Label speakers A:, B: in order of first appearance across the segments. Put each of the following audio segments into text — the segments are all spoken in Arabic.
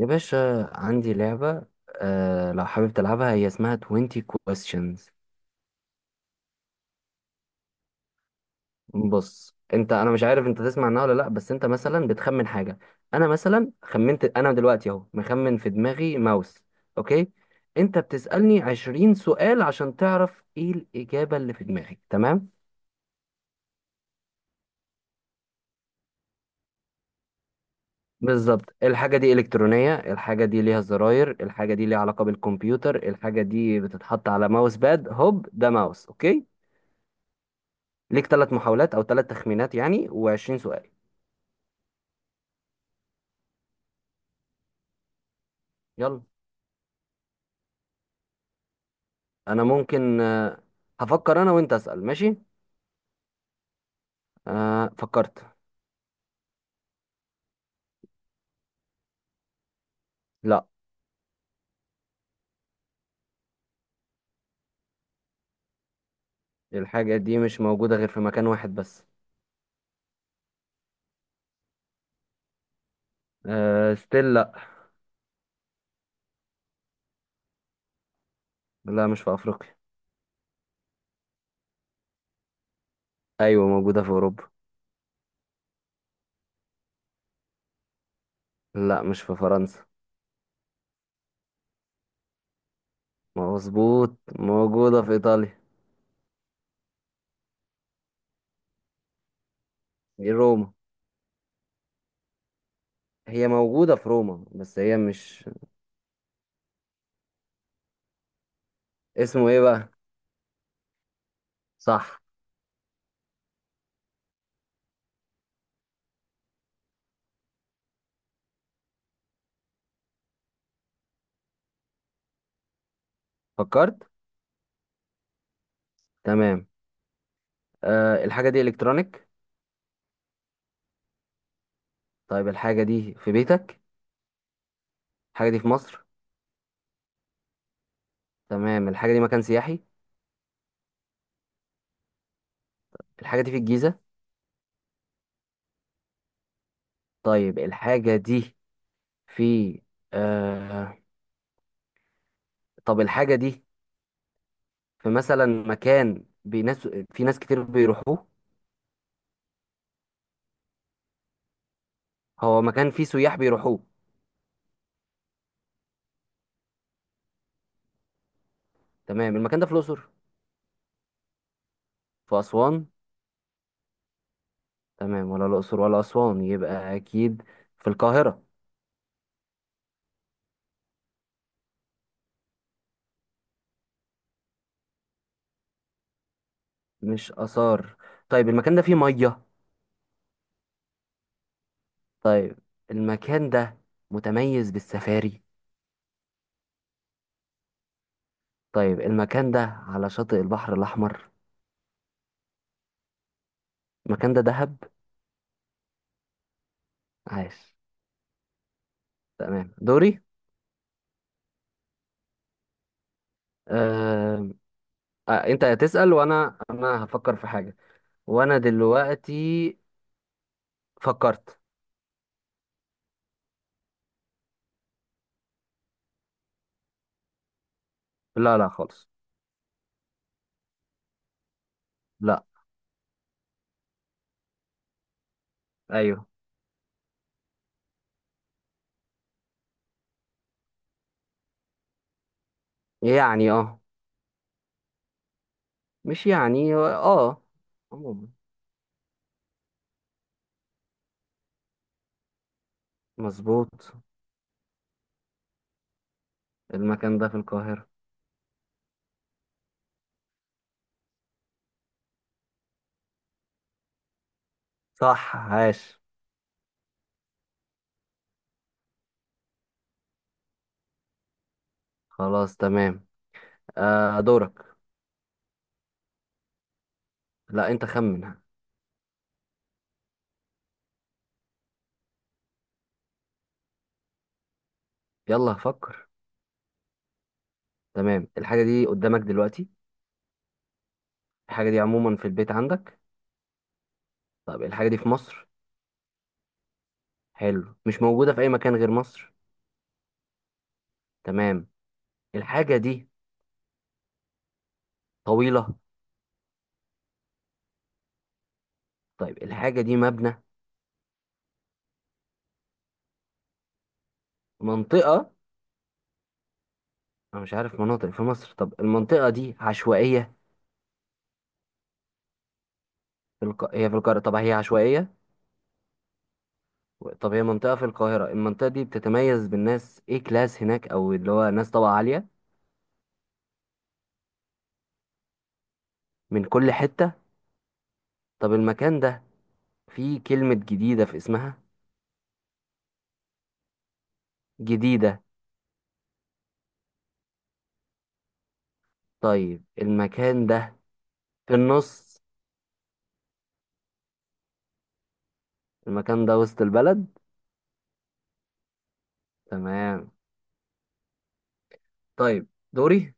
A: يا باشا عندي لعبة. آه لو حابب تلعبها، هي اسمها 20 questions. بص انت، انا مش عارف انت تسمع عنها ولا لا، بس انت مثلا بتخمن حاجة. انا مثلا خمنت، انا دلوقتي اهو مخمن في دماغي ماوس، اوكي. انت بتسألني 20 سؤال عشان تعرف ايه الإجابة اللي في دماغي، تمام؟ بالظبط. الحاجة دي إلكترونية، الحاجة دي ليها زراير، الحاجة دي ليها علاقة بالكمبيوتر، الحاجة دي بتتحط على ماوس باد، هوب ده ماوس اوكي. ليك ثلاث محاولات او ثلاث تخمينات يعني، و20 سؤال. يلا. انا ممكن آه، هفكر انا وانت اسال، ماشي. أه فكرت. لا، الحاجه دي مش موجوده غير في مكان واحد بس. أه ستيل لا. لا مش في افريقيا. ايوه موجوده في اوروبا. لا مش في فرنسا. مظبوط، موجوده في ايطاليا. دي روما، هي موجوده في روما بس هي مش... اسمه ايه بقى؟ صح. فكرت، تمام. أه الحاجه دي الكترونيك. طيب الحاجه دي في بيتك؟ الحاجه دي في مصر؟ تمام، الحاجة دي مكان سياحي؟ الحاجة دي في الجيزة؟ طيب الحاجة دي في آه... طب الحاجة دي في مثلا مكان بناس، في ناس كتير بيروحوه؟ هو مكان فيه سياح بيروحوه. تمام، المكان ده في الأقصر؟ في أسوان؟ تمام، ولا الأقصر ولا أسوان، يبقى أكيد في القاهرة. مش آثار. طيب المكان ده فيه مية؟ طيب المكان ده متميز بالسفاري؟ طيب المكان ده على شاطئ البحر الأحمر؟ المكان ده دهب. عاش. تمام، دوري. آه... آه، انت هتسأل وانا هفكر في حاجة، وانا دلوقتي فكرت. لا خالص. لا. ايوه يعني اه. مش يعني اه، عموما. مظبوط. المكان ده في القاهرة. صح، عاش. خلاص تمام. آه دورك. لا انت خمن. يلا فكر. تمام، الحاجة دي قدامك دلوقتي؟ الحاجة دي عموما في البيت عندك؟ طب الحاجة دي في مصر؟ حلو، مش موجودة في اي مكان غير مصر؟ تمام، الحاجة دي طويلة؟ طيب الحاجة دي مبنى؟ في منطقة؟ أنا مش عارف مناطق في مصر، طب المنطقة دي عشوائية؟ هي في القاهرة، طب هي عشوائية؟ طب هي منطقة في القاهرة، المنطقة دي بتتميز بالناس إيه، كلاس هناك، أو اللي هو ناس طبقة عالية؟ من كل حتة. طب المكان ده فيه كلمة جديدة في اسمها؟ جديدة. طيب المكان ده في النص. المكان ده وسط البلد. تمام. طيب دوري.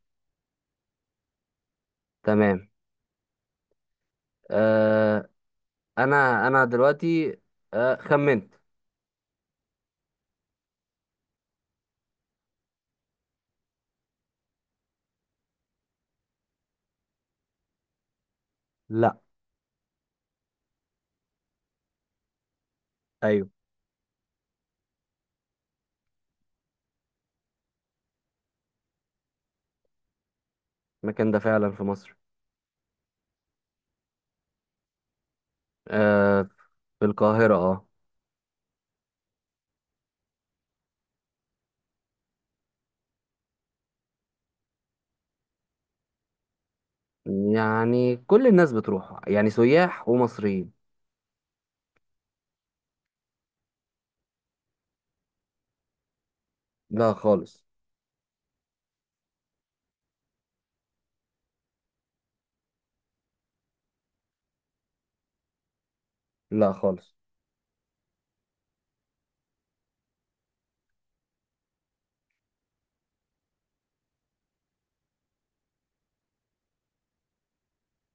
A: تمام. آه. أنا دلوقتي آه خمنت. لا. ايوه، المكان ده فعلا في مصر. آه في القاهرة اه. يعني كل الناس بتروح، يعني سياح ومصريين. لا خالص. لا خالص.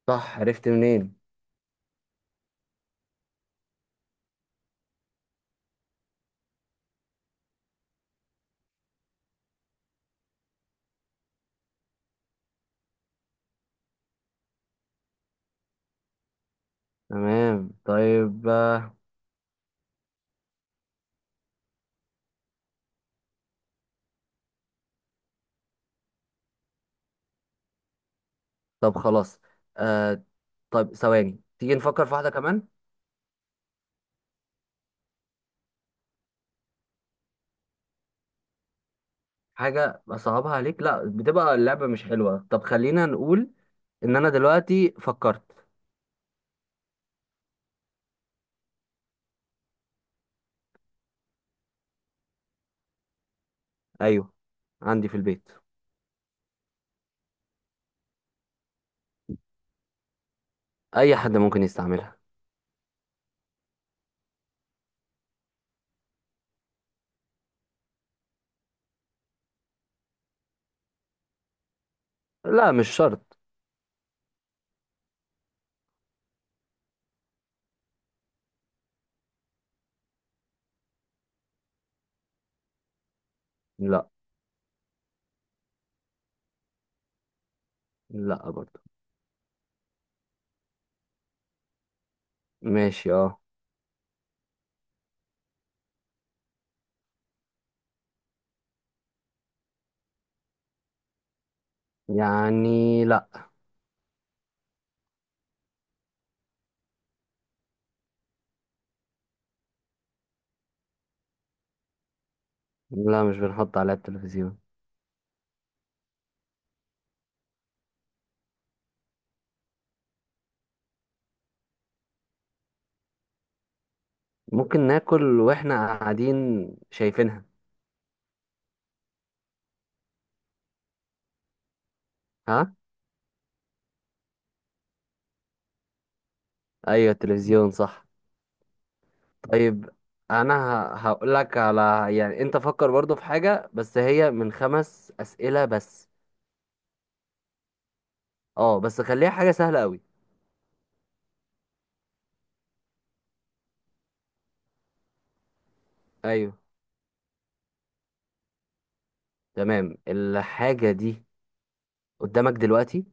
A: صح. عرفت منين؟ تمام. طيب آه. طب خلاص، آه طيب ثواني، تيجي نفكر في واحدة كمان. حاجة أصعبها عليك؟ لا، بتبقى اللعبة مش حلوة. طب خلينا نقول إن أنا دلوقتي فكرت. أيوه عندي في البيت. أي حد ممكن يستعملها. لا مش شرط. لا. لا برضه. ماشي اه. يعني لا. لا مش بنحط عليها التلفزيون. ممكن ناكل واحنا قاعدين شايفينها. ها؟ ايوه التلفزيون، صح. طيب انا هقول لك على، يعني انت فكر برضو في حاجة بس هي من خمس اسئلة بس. اه بس خليها حاجة سهلة قوي. ايوه. تمام، الحاجة دي قدامك دلوقتي؟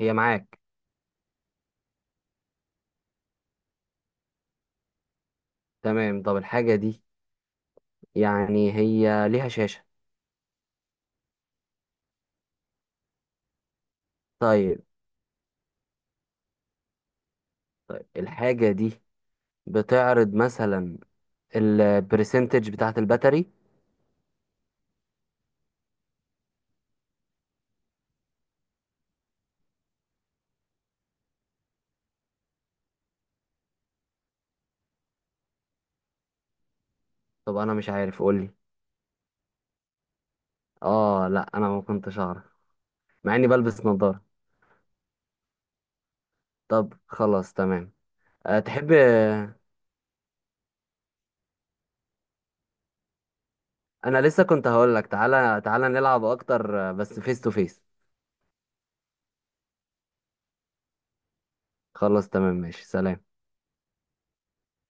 A: هي معاك. تمام طب الحاجة دي، يعني هي ليها شاشة؟ طيب. طيب الحاجة دي بتعرض مثلا البرسنتج بتاعت الباتري؟ طب انا مش عارف، قولي. اه لا انا ما كنتش اعرف، مع اني بلبس نظارة. طب خلاص تمام. أه تحب، انا لسه كنت هقول لك تعالى نلعب اكتر آه، بس فيس تو فيس. خلاص تمام ماشي، سلام.